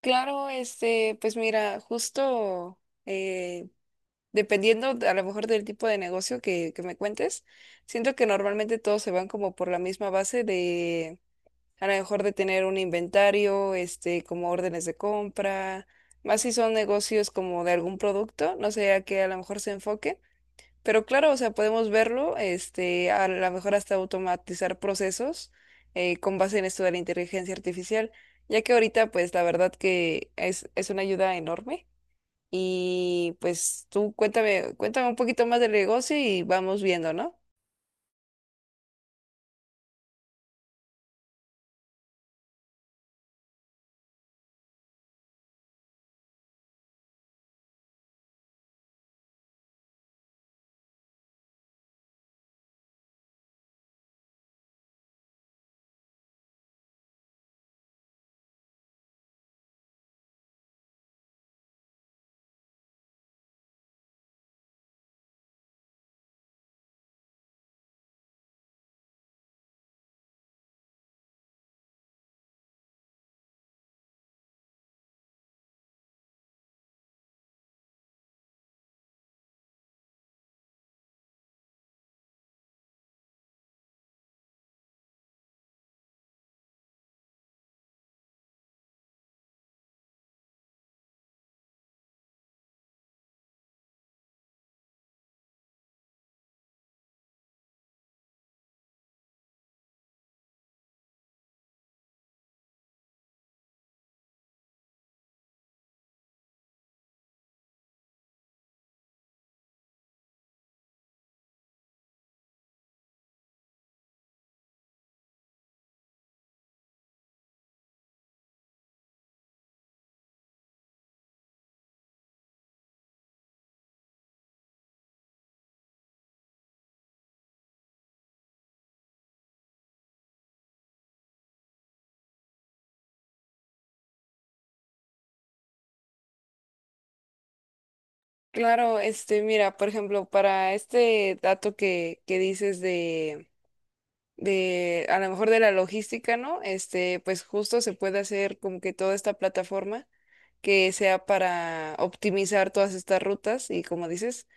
Claro, este, pues mira, justo eh, dependiendo a lo mejor del tipo de negocio que me cuentes, siento que normalmente todos se van como por la misma base de a lo mejor de tener un inventario, este, como órdenes de compra, más si son negocios como de algún producto, no sé a qué a lo mejor se enfoque. Pero claro, o sea, podemos verlo, este, a lo mejor hasta automatizar procesos con base en esto de la inteligencia artificial, ya que ahorita, pues, la verdad que es una ayuda enorme. Y pues tú cuéntame, cuéntame un poquito más del negocio y vamos viendo, ¿no? Claro, este, mira, por ejemplo, para este dato que dices a lo mejor de la logística, ¿no? Este, pues justo se puede hacer como que toda esta plataforma, que sea para optimizar todas estas rutas y como dices,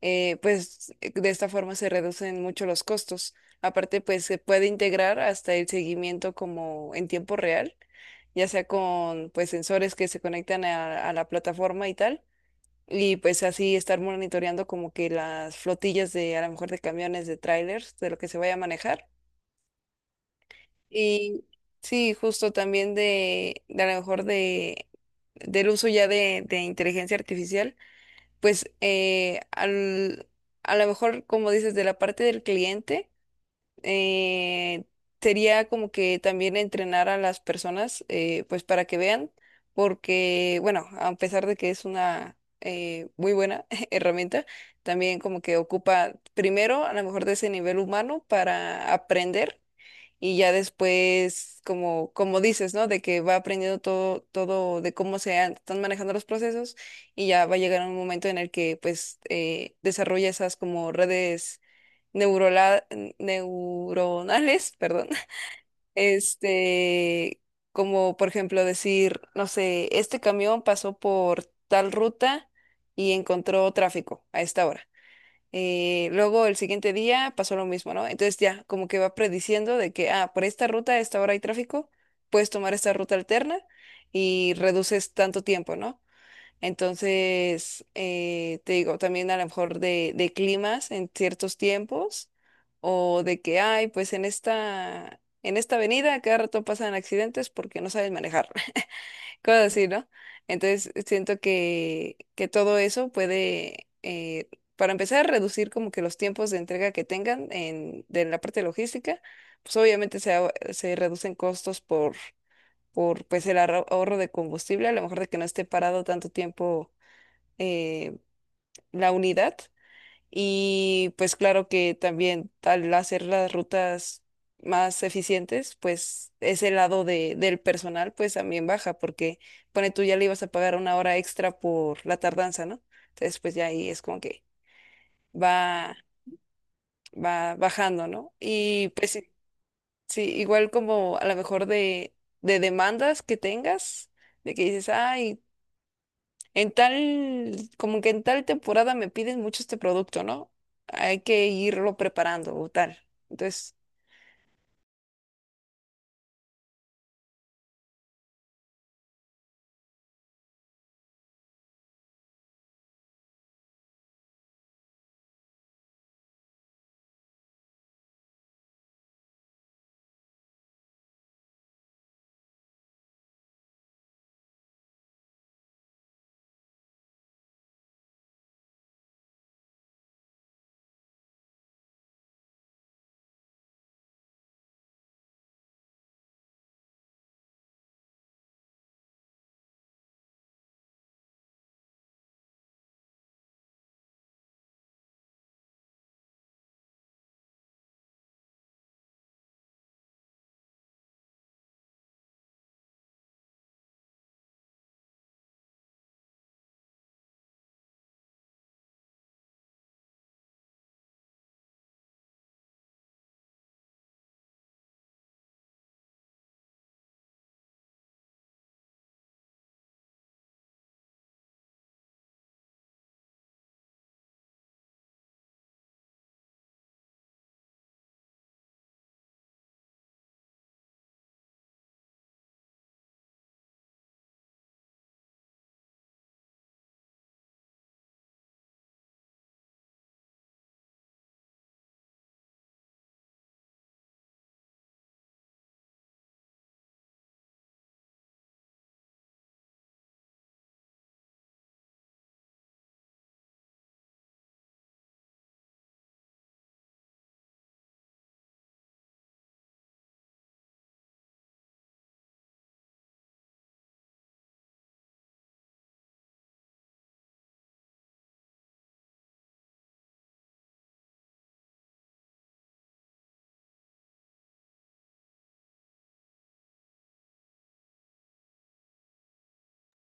de esta forma se reducen mucho los costos. Aparte, pues se puede integrar hasta el seguimiento como en tiempo real, ya sea con pues sensores que se conectan a la plataforma y tal. Y pues así estar monitoreando como que las flotillas de a lo mejor de camiones, de trailers, de lo que se vaya a manejar. Y sí, justo también de a lo mejor de, del uso ya de inteligencia artificial pues a lo mejor, como dices, de la parte del cliente, eh, sería como que también entrenar a las personas, pues para que vean, porque, bueno, a pesar de que es una muy buena herramienta, también como que ocupa primero a lo mejor de ese nivel humano para aprender y ya después, como, como dices, ¿no? De que va aprendiendo todo, todo de cómo están manejando los procesos y ya va a llegar un momento en el que pues desarrolla esas como redes neurola- neuronales, perdón, este, como por ejemplo decir, no sé, este camión pasó por tal ruta y encontró tráfico a esta hora. Luego el siguiente día pasó lo mismo, ¿no? Entonces ya como que va prediciendo de que, ah, por esta ruta a esta hora hay tráfico, puedes tomar esta ruta alterna y reduces tanto tiempo, ¿no? Entonces, te digo, también a lo mejor de climas en ciertos tiempos o de que, ay, pues en en esta avenida cada rato pasan accidentes porque no sabes manejar cosas así, ¿no? Entonces siento que todo eso puede, para empezar, reducir como que los tiempos de entrega que tengan de la parte logística, pues obviamente se reducen costos por pues el ahorro de combustible, a lo mejor de que no esté parado tanto tiempo eh, la unidad. Y pues claro que también al hacer las rutas más eficientes, pues ese lado de, del personal pues también baja porque pone tú ya le ibas a pagar una hora extra por la tardanza, ¿no? Entonces pues ya ahí es como que va, va bajando, ¿no? Y pues sí, sí, igual como a lo mejor de demandas que tengas, de que dices, ay, en tal, como que en tal temporada me piden mucho este producto, ¿no? Hay que irlo preparando o tal. Entonces,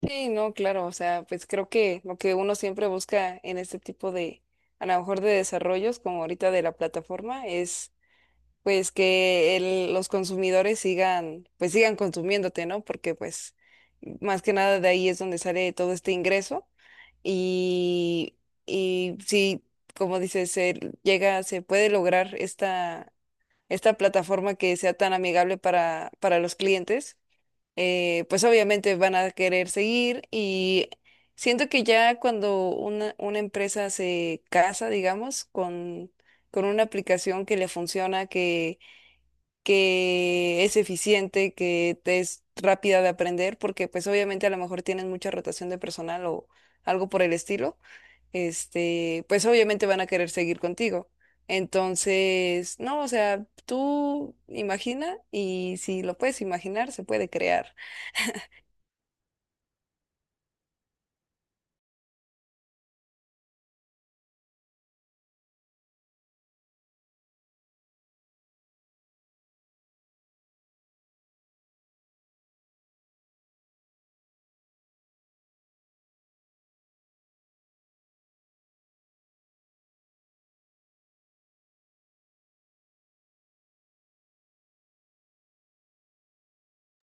sí, no, claro, o sea, pues creo que lo que uno siempre busca en este tipo de, a lo mejor de desarrollos, como ahorita de la plataforma, es pues que los consumidores sigan, pues sigan consumiéndote, ¿no? Porque pues más que nada de ahí es donde sale todo este ingreso y, y sí como dices, se llega, se puede lograr esta esta plataforma que sea tan amigable para los clientes, pues obviamente van a querer seguir y siento que ya cuando una empresa se casa, digamos, con una aplicación que le funciona, que es eficiente, que te es rápida de aprender, porque pues obviamente a lo mejor tienen mucha rotación de personal o algo por el estilo este, pues obviamente van a querer seguir contigo. Entonces, no, o sea, tú imagina y si lo puedes imaginar, se puede crear.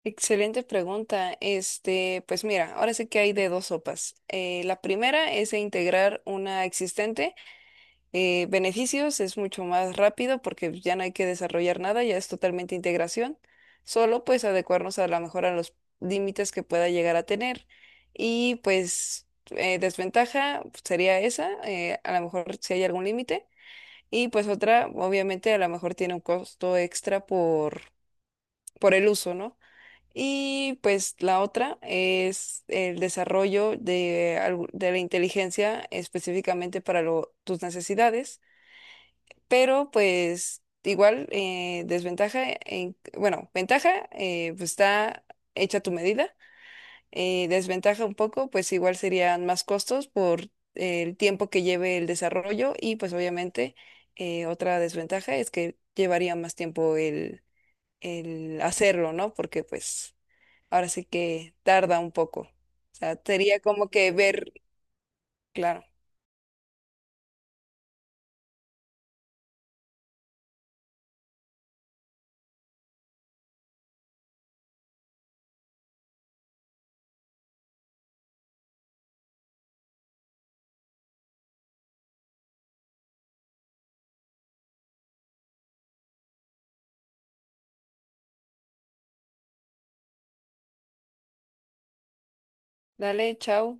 Excelente pregunta. Este, pues mira, ahora sí que hay de dos sopas. La primera es integrar una existente beneficios, es mucho más rápido porque ya no hay que desarrollar nada, ya es totalmente integración, solo pues adecuarnos a la mejor a los límites que pueda llegar a tener. Y pues desventaja sería esa, a lo mejor si hay algún límite. Y pues otra, obviamente a lo mejor tiene un costo extra por el uso, ¿no? Y pues la otra es el desarrollo de, de la inteligencia específicamente para tus necesidades pero pues igual desventaja, en, bueno, ventaja, pues está hecha tu medida, desventaja un poco, pues igual serían más costos por el tiempo que lleve el desarrollo y pues obviamente otra desventaja es que llevaría más tiempo el hacerlo, ¿no? Porque pues ahora sí que tarda un poco. O sea, sería como que ver, claro. Dale, chao.